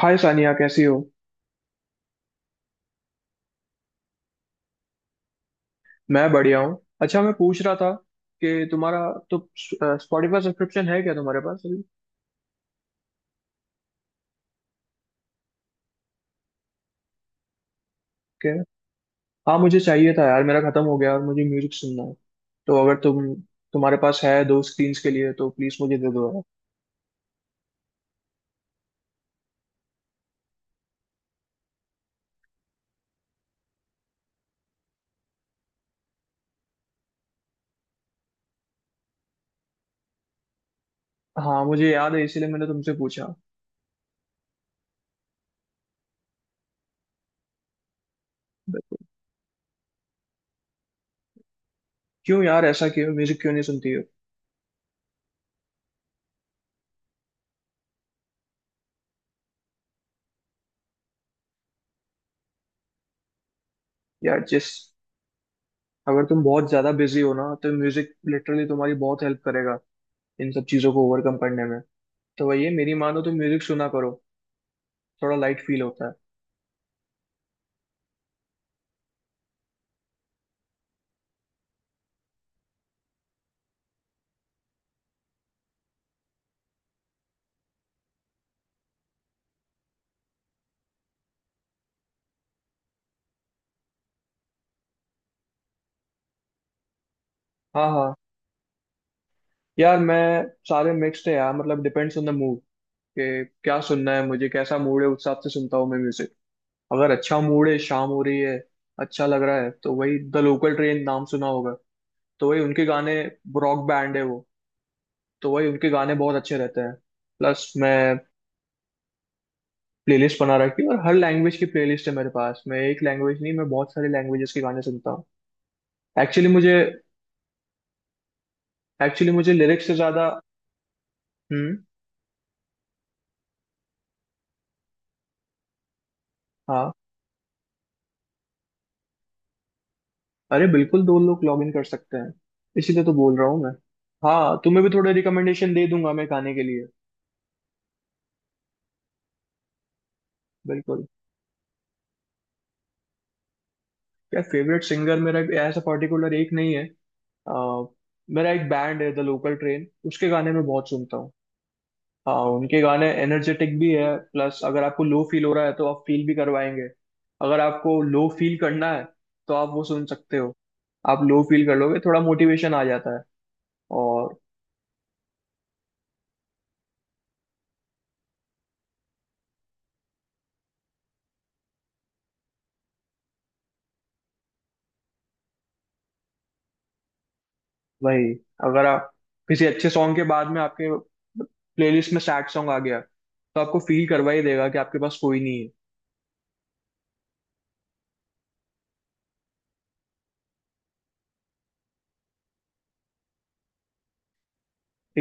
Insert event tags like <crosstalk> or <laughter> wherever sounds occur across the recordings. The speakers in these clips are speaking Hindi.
हाय सानिया, कैसी हो। मैं बढ़िया हूँ। अच्छा, मैं पूछ रहा था कि तुम्हारा तो स्पॉटिफाई सब्सक्रिप्शन है क्या तुम्हारे पास अभी। क्या। हाँ, मुझे चाहिए था यार, मेरा खत्म हो गया और मुझे म्यूजिक सुनना है। तो अगर तुम तुम्हारे पास है दो स्क्रीन्स के लिए तो प्लीज मुझे दे दो यार। हाँ, मुझे याद है, इसीलिए मैंने तुमसे पूछा। But क्यों यार, ऐसा क्यों, म्यूजिक क्यों नहीं सुनती हो। यार जिस अगर तुम बहुत ज्यादा बिजी हो ना तो म्यूजिक लिटरली तुम्हारी बहुत हेल्प करेगा इन सब चीजों को ओवरकम करने में। तो वही है, मेरी मानो तो म्यूजिक सुना करो, थोड़ा लाइट फील होता है। हाँ हाँ। यार मैं, सारे मिक्स्ड है यार, मतलब डिपेंड्स ऑन द मूड कि क्या सुनना है, मुझे कैसा मूड है उस हिसाब से सुनता हूँ मैं म्यूजिक। अगर अच्छा मूड है, शाम हो रही है, अच्छा लग रहा है, तो वही द लोकल ट्रेन नाम सुना होगा, तो वही उनके गाने। रॉक बैंड है वो, तो वही उनके गाने बहुत अच्छे रहते हैं। प्लस मैं प्लेलिस्ट बना रखी है और हर लैंग्वेज की प्लेलिस्ट है मेरे पास। मैं एक लैंग्वेज नहीं, मैं बहुत सारे लैंग्वेजेस के गाने सुनता हूँ। एक्चुअली मुझे एक्चुअली मुझे लिरिक्स से ज्यादा। हम्म। हाँ। अरे बिल्कुल, दो लोग लॉग इन कर सकते हैं, इसीलिए तो बोल रहा हूँ मैं। हाँ, तुम्हें भी थोड़े रिकमेंडेशन दे दूंगा मैं गाने के लिए। बिल्कुल। क्या फेवरेट सिंगर, मेरा ऐसा पर्टिकुलर एक नहीं है। आ, मेरा एक बैंड है द लोकल ट्रेन, उसके गाने मैं बहुत सुनता हूँ। हाँ, उनके गाने एनर्जेटिक भी है, प्लस अगर आपको लो फील हो रहा है तो आप फील भी करवाएंगे। अगर आपको लो फील करना है तो आप वो सुन सकते हो, आप लो फील कर लोगे, थोड़ा मोटिवेशन आ जाता है। और वही, अगर आप किसी अच्छे सॉन्ग के बाद में आपके प्लेलिस्ट में सैड सॉन्ग आ गया तो आपको फील करवा ही देगा कि आपके पास कोई नहीं है।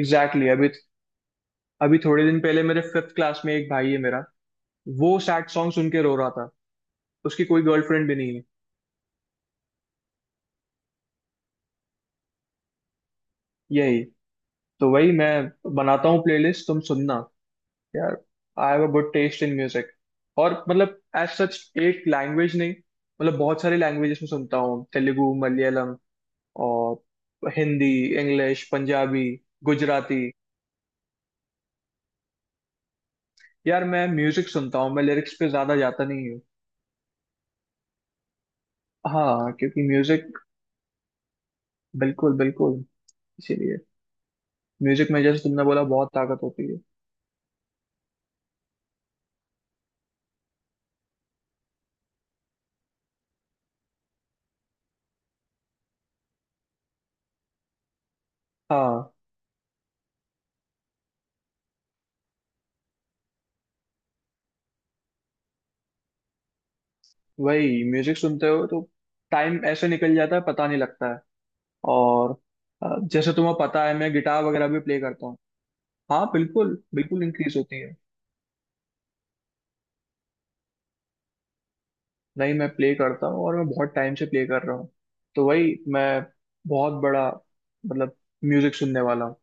एग्जैक्टली exactly, अभी अभी थोड़े दिन पहले मेरे फिफ्थ क्लास में एक भाई है मेरा, वो सैड सॉन्ग सुन के रो रहा था। उसकी कोई गर्लफ्रेंड भी नहीं है। यही तो वही मैं बनाता हूँ प्लेलिस्ट, तुम सुनना यार। I have a good taste in music, और मतलब एज सच एक लैंग्वेज नहीं, मतलब बहुत सारी लैंग्वेजेस में सुनता हूँ, तेलुगु, मलयालम और हिंदी, इंग्लिश, पंजाबी, गुजराती। यार मैं म्यूजिक सुनता हूँ, मैं लिरिक्स पे ज्यादा जाता नहीं हूँ। हाँ, क्योंकि म्यूजिक, बिल्कुल बिल्कुल, इसीलिए म्यूजिक में जैसे तुमने बोला, बहुत ताकत होती है। हाँ। वही, म्यूजिक सुनते हो तो टाइम ऐसे निकल जाता है, पता नहीं लगता है। और जैसे तुम्हें पता है, मैं गिटार वगैरह भी प्ले करता हूँ। हाँ बिल्कुल बिल्कुल, इंक्रीज होती है। नहीं, मैं प्ले करता हूँ और मैं बहुत टाइम से प्ले कर रहा हूँ। तो वही मैं बहुत बड़ा, मतलब म्यूजिक सुनने वाला हूँ।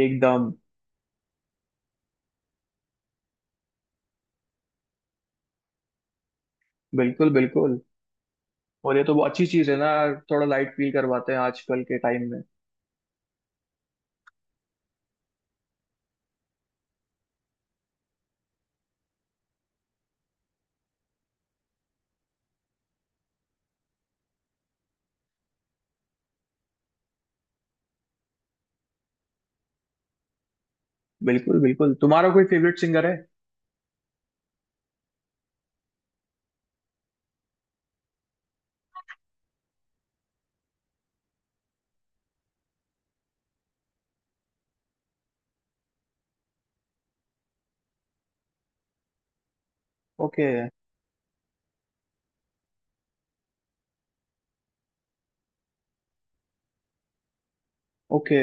एकदम। बिल्कुल बिल्कुल। और ये तो बहुत अच्छी चीज़ है ना यार, थोड़ा लाइट फील करवाते हैं आजकल के टाइम में। बिल्कुल बिल्कुल। तुम्हारा कोई फेवरेट सिंगर है। ओके। ओके।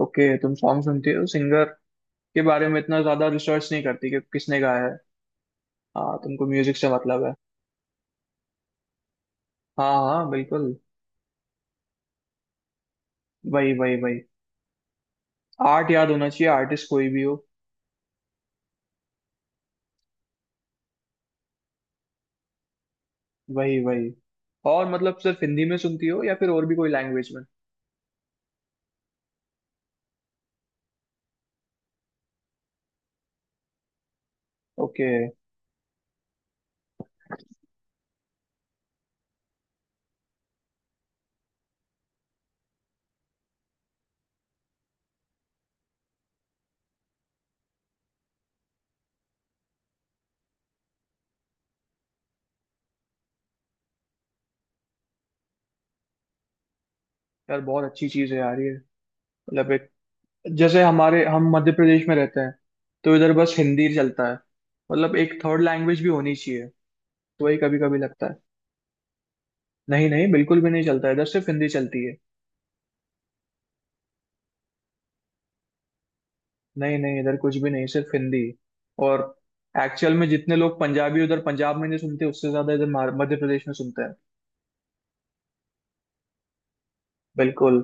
ओके, तुम सॉन्ग सुनती हो, सिंगर के बारे में इतना ज़्यादा रिसर्च नहीं करती कि किसने गाया है। हाँ, तुमको म्यूजिक से मतलब है। हाँ हाँ बिल्कुल। वही वही वही। आर्ट याद होना चाहिए, आर्टिस्ट कोई भी हो। वही वही। और मतलब सिर्फ हिंदी में सुनती हो या फिर और भी कोई लैंग्वेज में। ओके। यार बहुत अच्छी चीज है यार ये, मतलब एक, जैसे हमारे हम मध्य प्रदेश में रहते हैं तो इधर बस हिंदी चलता है, मतलब एक थर्ड लैंग्वेज भी होनी चाहिए। तो वही, कभी कभी लगता है। नहीं नहीं, बिल्कुल भी नहीं चलता, इधर सिर्फ हिंदी चलती है। नहीं नहीं, इधर कुछ भी नहीं, सिर्फ हिंदी। और एक्चुअल में जितने लोग पंजाबी उधर पंजाब में नहीं सुनते उससे ज्यादा इधर मध्य प्रदेश में सुनते हैं। बिल्कुल।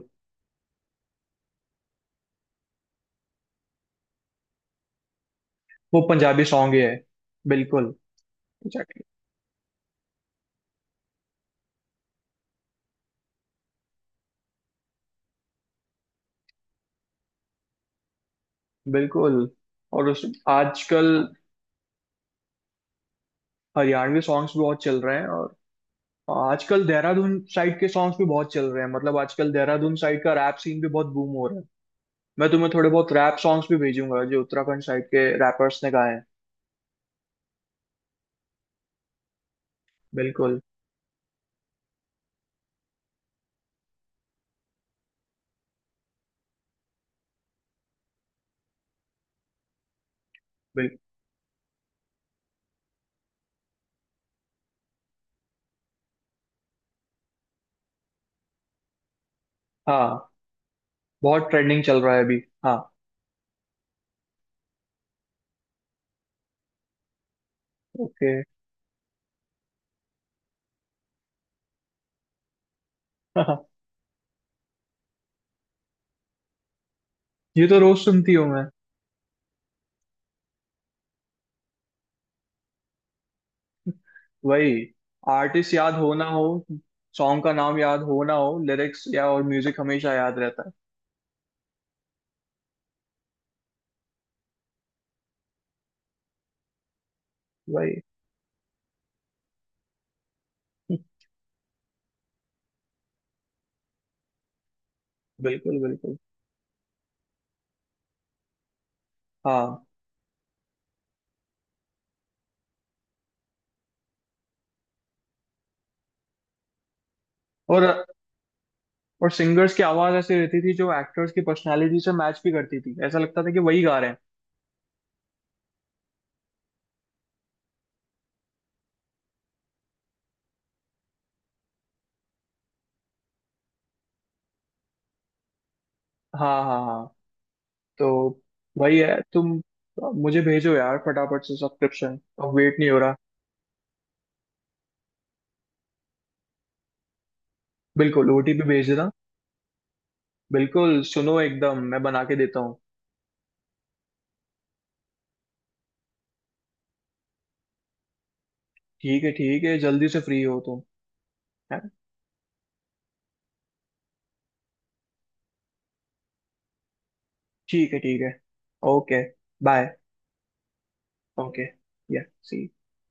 वो पंजाबी सॉन्ग ही है, बिल्कुल बिल्कुल। और उस आजकल हरियाणवी सॉन्ग्स भी बहुत चल रहे हैं और आजकल देहरादून साइड के सॉन्ग्स भी बहुत चल रहे हैं, मतलब आजकल देहरादून साइड का रैप सीन भी बहुत बूम हो रहा है। मैं तुम्हें थोड़े बहुत रैप सॉन्ग्स भी भेजूंगा जो उत्तराखंड साइड के रैपर्स ने गाए हैं। बिल्कुल बिल्कुल। हाँ, बहुत ट्रेंडिंग चल रहा है अभी। हाँ। ओके। <laughs> ये तो रोज सुनती हूँ मैं। वही, आर्टिस्ट याद हो ना हो, सॉन्ग का नाम याद हो ना हो, लिरिक्स या और म्यूजिक हमेशा याद रहता है। वही। <laughs> बिल्कुल बिल्कुल। हाँ और और सिंगर्स की आवाज ऐसी रहती थी जो एक्टर्स की पर्सनालिटी से मैच भी करती थी, ऐसा लगता था कि वही गा रहे हैं। हाँ हाँ हाँ। तो वही है, तुम मुझे भेजो यार फटाफट से सब्सक्रिप्शन, अब वेट नहीं हो रहा। बिल्कुल, ओटीपी भेज देना। बिल्कुल, सुनो एकदम मैं बना के देता हूँ। ठीक है ठीक है, जल्दी से फ्री हो तुम। है? ठीक है ठीक है। ओके। बाय। ओके। या। सी।